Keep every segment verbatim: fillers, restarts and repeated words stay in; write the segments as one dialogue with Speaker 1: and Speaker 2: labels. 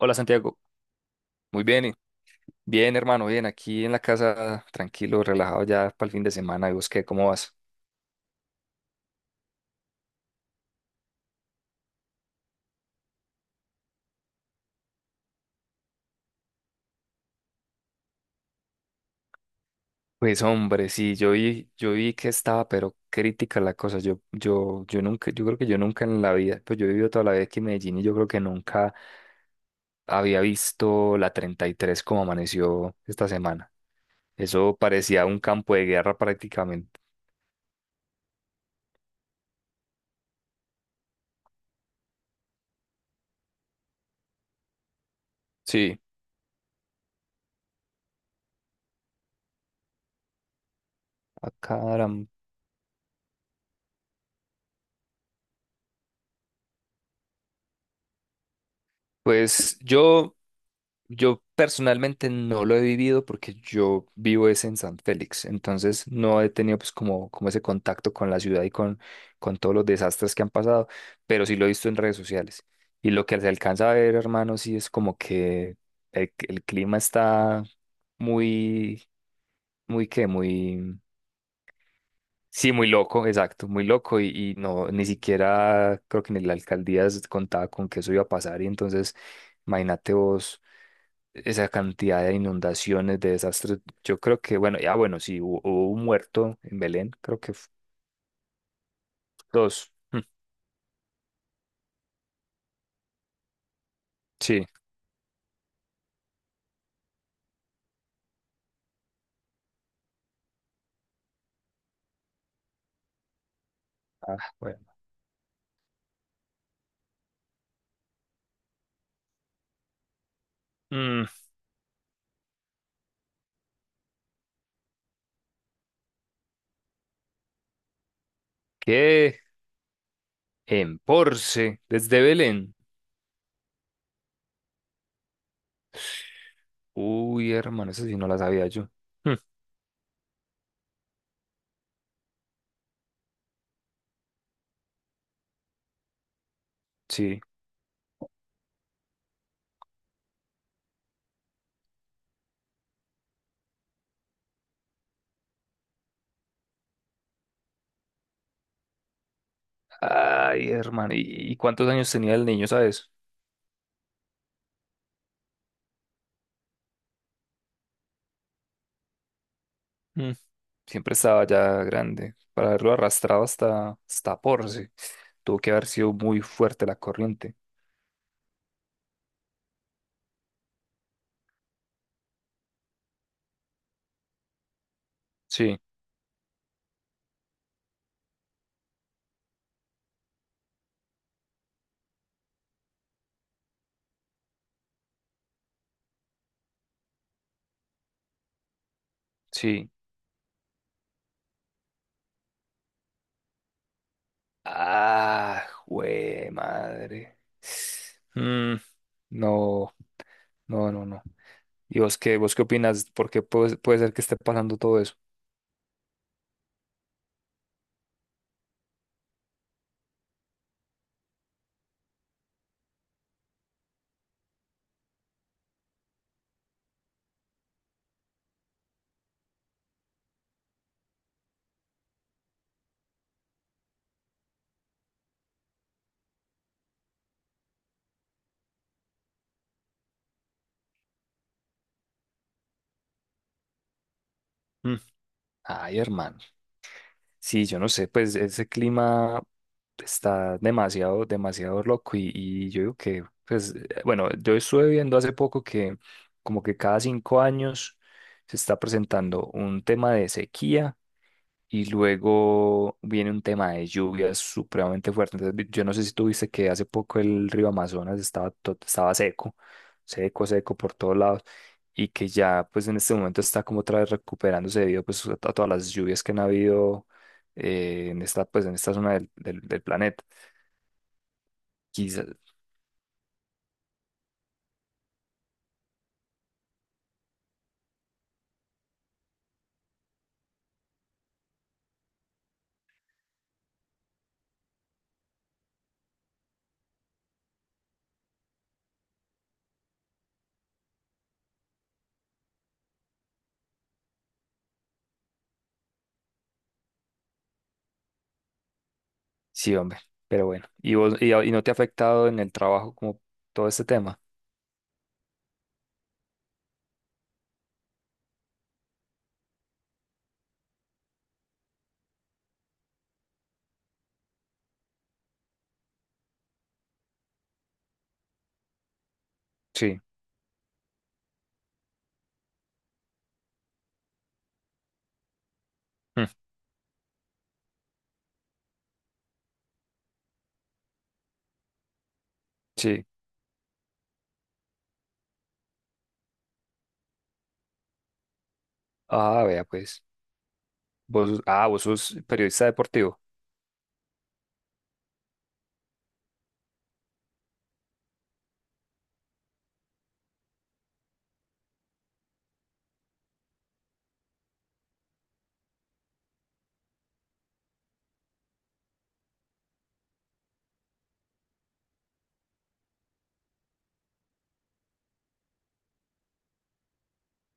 Speaker 1: Hola Santiago, muy bien, y- bien hermano, bien, aquí en la casa, tranquilo, relajado ya para el fin de semana, ¿y vos qué, cómo vas? Pues hombre, sí, yo vi, yo vi que estaba, pero crítica la cosa, yo, yo, yo nunca, yo creo que yo nunca en la vida, pues yo he vivido toda la vida aquí en Medellín y yo creo que nunca había visto la treinta y tres como amaneció esta semana, eso parecía un campo de guerra prácticamente. Sí, a caram. Pues yo... Yo personalmente no lo he vivido porque yo vivo es en San Félix, entonces no he tenido pues como, como ese contacto con la ciudad y con, con todos los desastres que han pasado, pero sí lo he visto en redes sociales. Y lo que se alcanza a ver, hermano, sí es como que el, el clima está muy, muy que, muy, sí, muy loco, exacto, muy loco y, y no, ni siquiera creo que ni la alcaldía contaba con que eso iba a pasar y entonces... Imagínate vos esa cantidad de inundaciones, de desastres. Yo creo que, bueno, ya bueno, sí, hubo, hubo un muerto en Belén, creo que f- dos. Mm, sí. Ah, bueno. Mm, ¿qué? En Porce, desde Belén. Uy, hermano, esa sí no la sabía yo. Mm, sí. Ay, hermano, ¿y, y cuántos años tenía el niño, sabes? Mm, siempre estaba ya grande. Para haberlo arrastrado hasta, hasta Porce, tuvo que haber sido muy fuerte la corriente. Sí, sí. Ah, güey, madre. Mm, no, no, no, no. ¿Y vos qué, vos qué opinas? ¿Por qué puede, puede ser que esté pasando todo eso? Mm. Ay, hermano. Sí, yo no sé, pues ese clima está demasiado, demasiado loco y, y yo digo que, pues, eh, bueno, yo estuve viendo hace poco que como que cada cinco años se está presentando un tema de sequía y luego viene un tema de lluvias supremamente fuerte. Entonces, vi- yo no sé si tuviste que hace poco el río Amazonas estaba, to- estaba seco, seco, seco por todos lados y que ya pues en este momento está como otra vez recuperándose debido pues a, a todas las lluvias que han habido eh, en esta pues en esta zona del, del, del planeta. Quizás, sí, hombre, pero bueno. ¿Y vos, y, a- y no te ha afectado en el trabajo como todo este tema? Sí, mm, sí. Ah, vea pues. Vos, ah, vos sos periodista deportivo.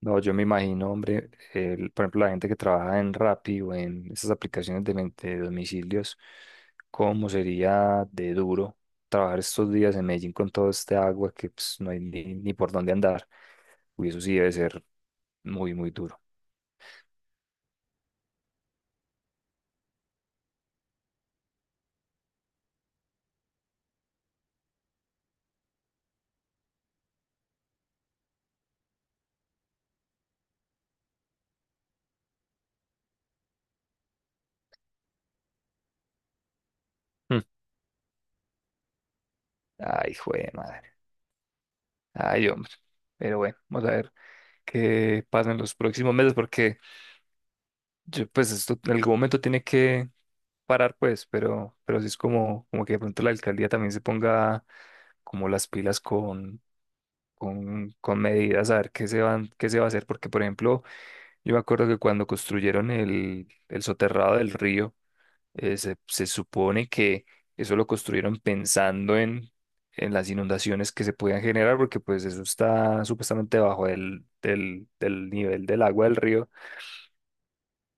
Speaker 1: No, yo me imagino, hombre, el- por ejemplo, la gente que trabaja en Rappi o en esas aplicaciones de, men- de domicilios, cómo sería de duro trabajar estos días en Medellín con todo este agua que pues, no hay ni, ni por dónde andar. Uy, eso sí debe ser muy, muy duro. Mm. Ay, jue de madre. Ay, hombre. Pero bueno, vamos a ver qué pasa en los próximos meses porque yo, pues esto en algún momento tiene que parar, pues, pero, pero sí es como, como que de pronto la alcaldía también se ponga como las pilas con, con, con medidas, a ver qué se van, qué se va a hacer, porque por ejemplo, yo me acuerdo que cuando construyeron el, el soterrado del río, eh, se, se supone que eso lo construyeron pensando en, en las inundaciones que se podían generar, porque pues eso está supuestamente bajo del, del, del nivel del agua del río,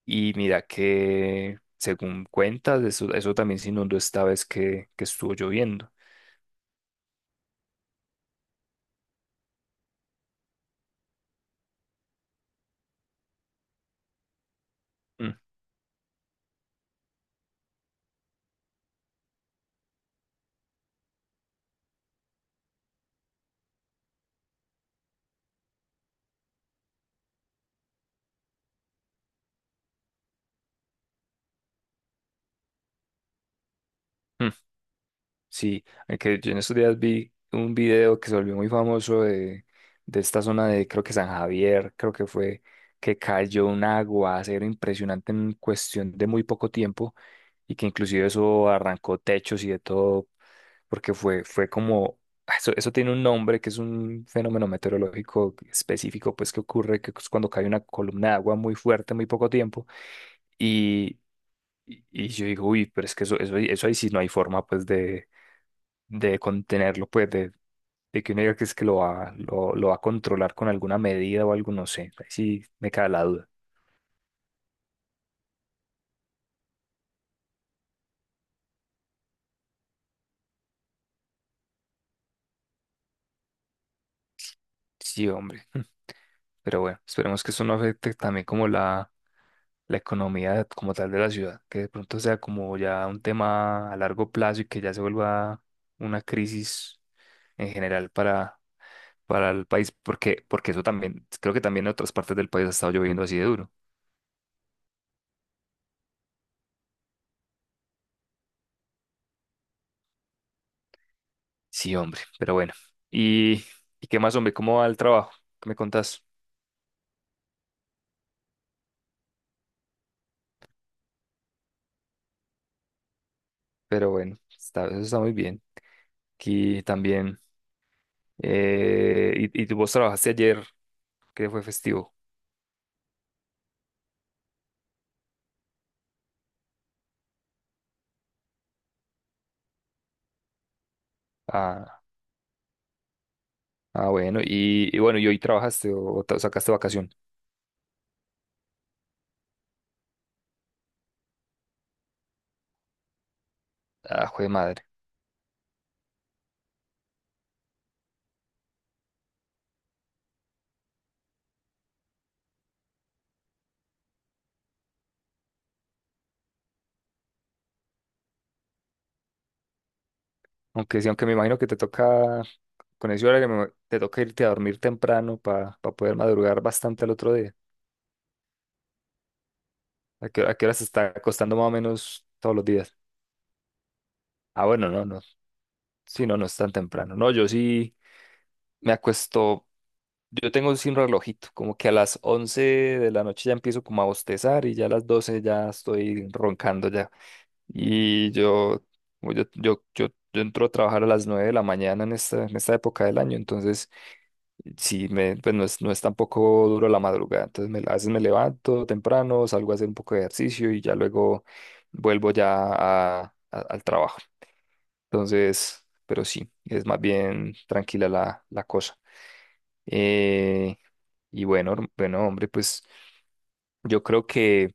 Speaker 1: y mira que... Según cuentas, eso, eso también se inundó esta vez que, que estuvo lloviendo. Mm, mm. Sí, aunque yo en estos días vi un video que se volvió muy famoso de, de esta zona de, creo que San Javier, creo que fue, que cayó un aguacero impresionante en cuestión de muy poco tiempo y que inclusive eso arrancó techos y de todo, porque fue, fue como, ah, eso, eso tiene un nombre que es un fenómeno meteorológico específico, pues que ocurre que es cuando cae una columna de agua muy fuerte en muy poco tiempo y, y y yo digo, uy, pero es que eso, eso, ahí- eso ahí sí no hay forma, pues, de, de contenerlo, pues, de, de que uno diga que es que lo va, lo, lo va a controlar con alguna medida o algo, no sé. Ahí sí me cae la duda. Sí, hombre. Pero bueno, esperemos que eso no afecte también como la, la economía como tal de la ciudad, que de pronto sea como ya un tema a largo plazo y que ya se vuelva una crisis en general para para el país, porque, porque eso también, creo que también en otras partes del país ha estado lloviendo así de duro. Sí, hombre, pero bueno. ¿Y, y qué más, hombre? ¿Cómo va el trabajo? ¿Qué me contás? Pero bueno, está, eso está muy bien. Aquí también. Eh, y, y tú vos trabajaste ayer, que fue festivo. Ah, ah bueno. Y, y bueno, ¿y hoy trabajaste o, o te- sacaste vacación? Ah, jue de madre. Aunque sí, aunque me imagino que te toca, con ese horario, me- te toca irte a dormir temprano para poder madrugar bastante al otro día. ¿A qué, a qué hora se está acostando más o menos todos los días? Ah, bueno, no, no. Sí, no, no es tan temprano. No, yo sí me acuesto. Yo tengo sin relojito, como que a las once de la noche ya empiezo como a bostezar y ya a las doce ya estoy roncando ya. Y yo, como yo, yo, yo, yo entro a trabajar a las nueve de la mañana en esta, en esta época del año, entonces sí, me, pues no es, no es tampoco duro la madrugada, entonces me, a veces me levanto temprano, salgo a hacer un poco de ejercicio y ya luego vuelvo ya a- a- al trabajo. Entonces, pero sí, es más bien tranquila la, la cosa. Eh, y bueno, herm- bueno, hombre, pues yo creo que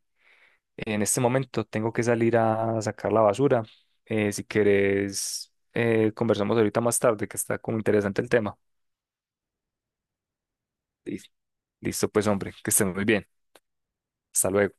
Speaker 1: en este momento tengo que salir a sacar la basura. Eh, si quieres, eh, conversamos ahorita más tarde, que está como interesante el tema. Listo, listo, pues hombre, que estén muy bien. Hasta luego.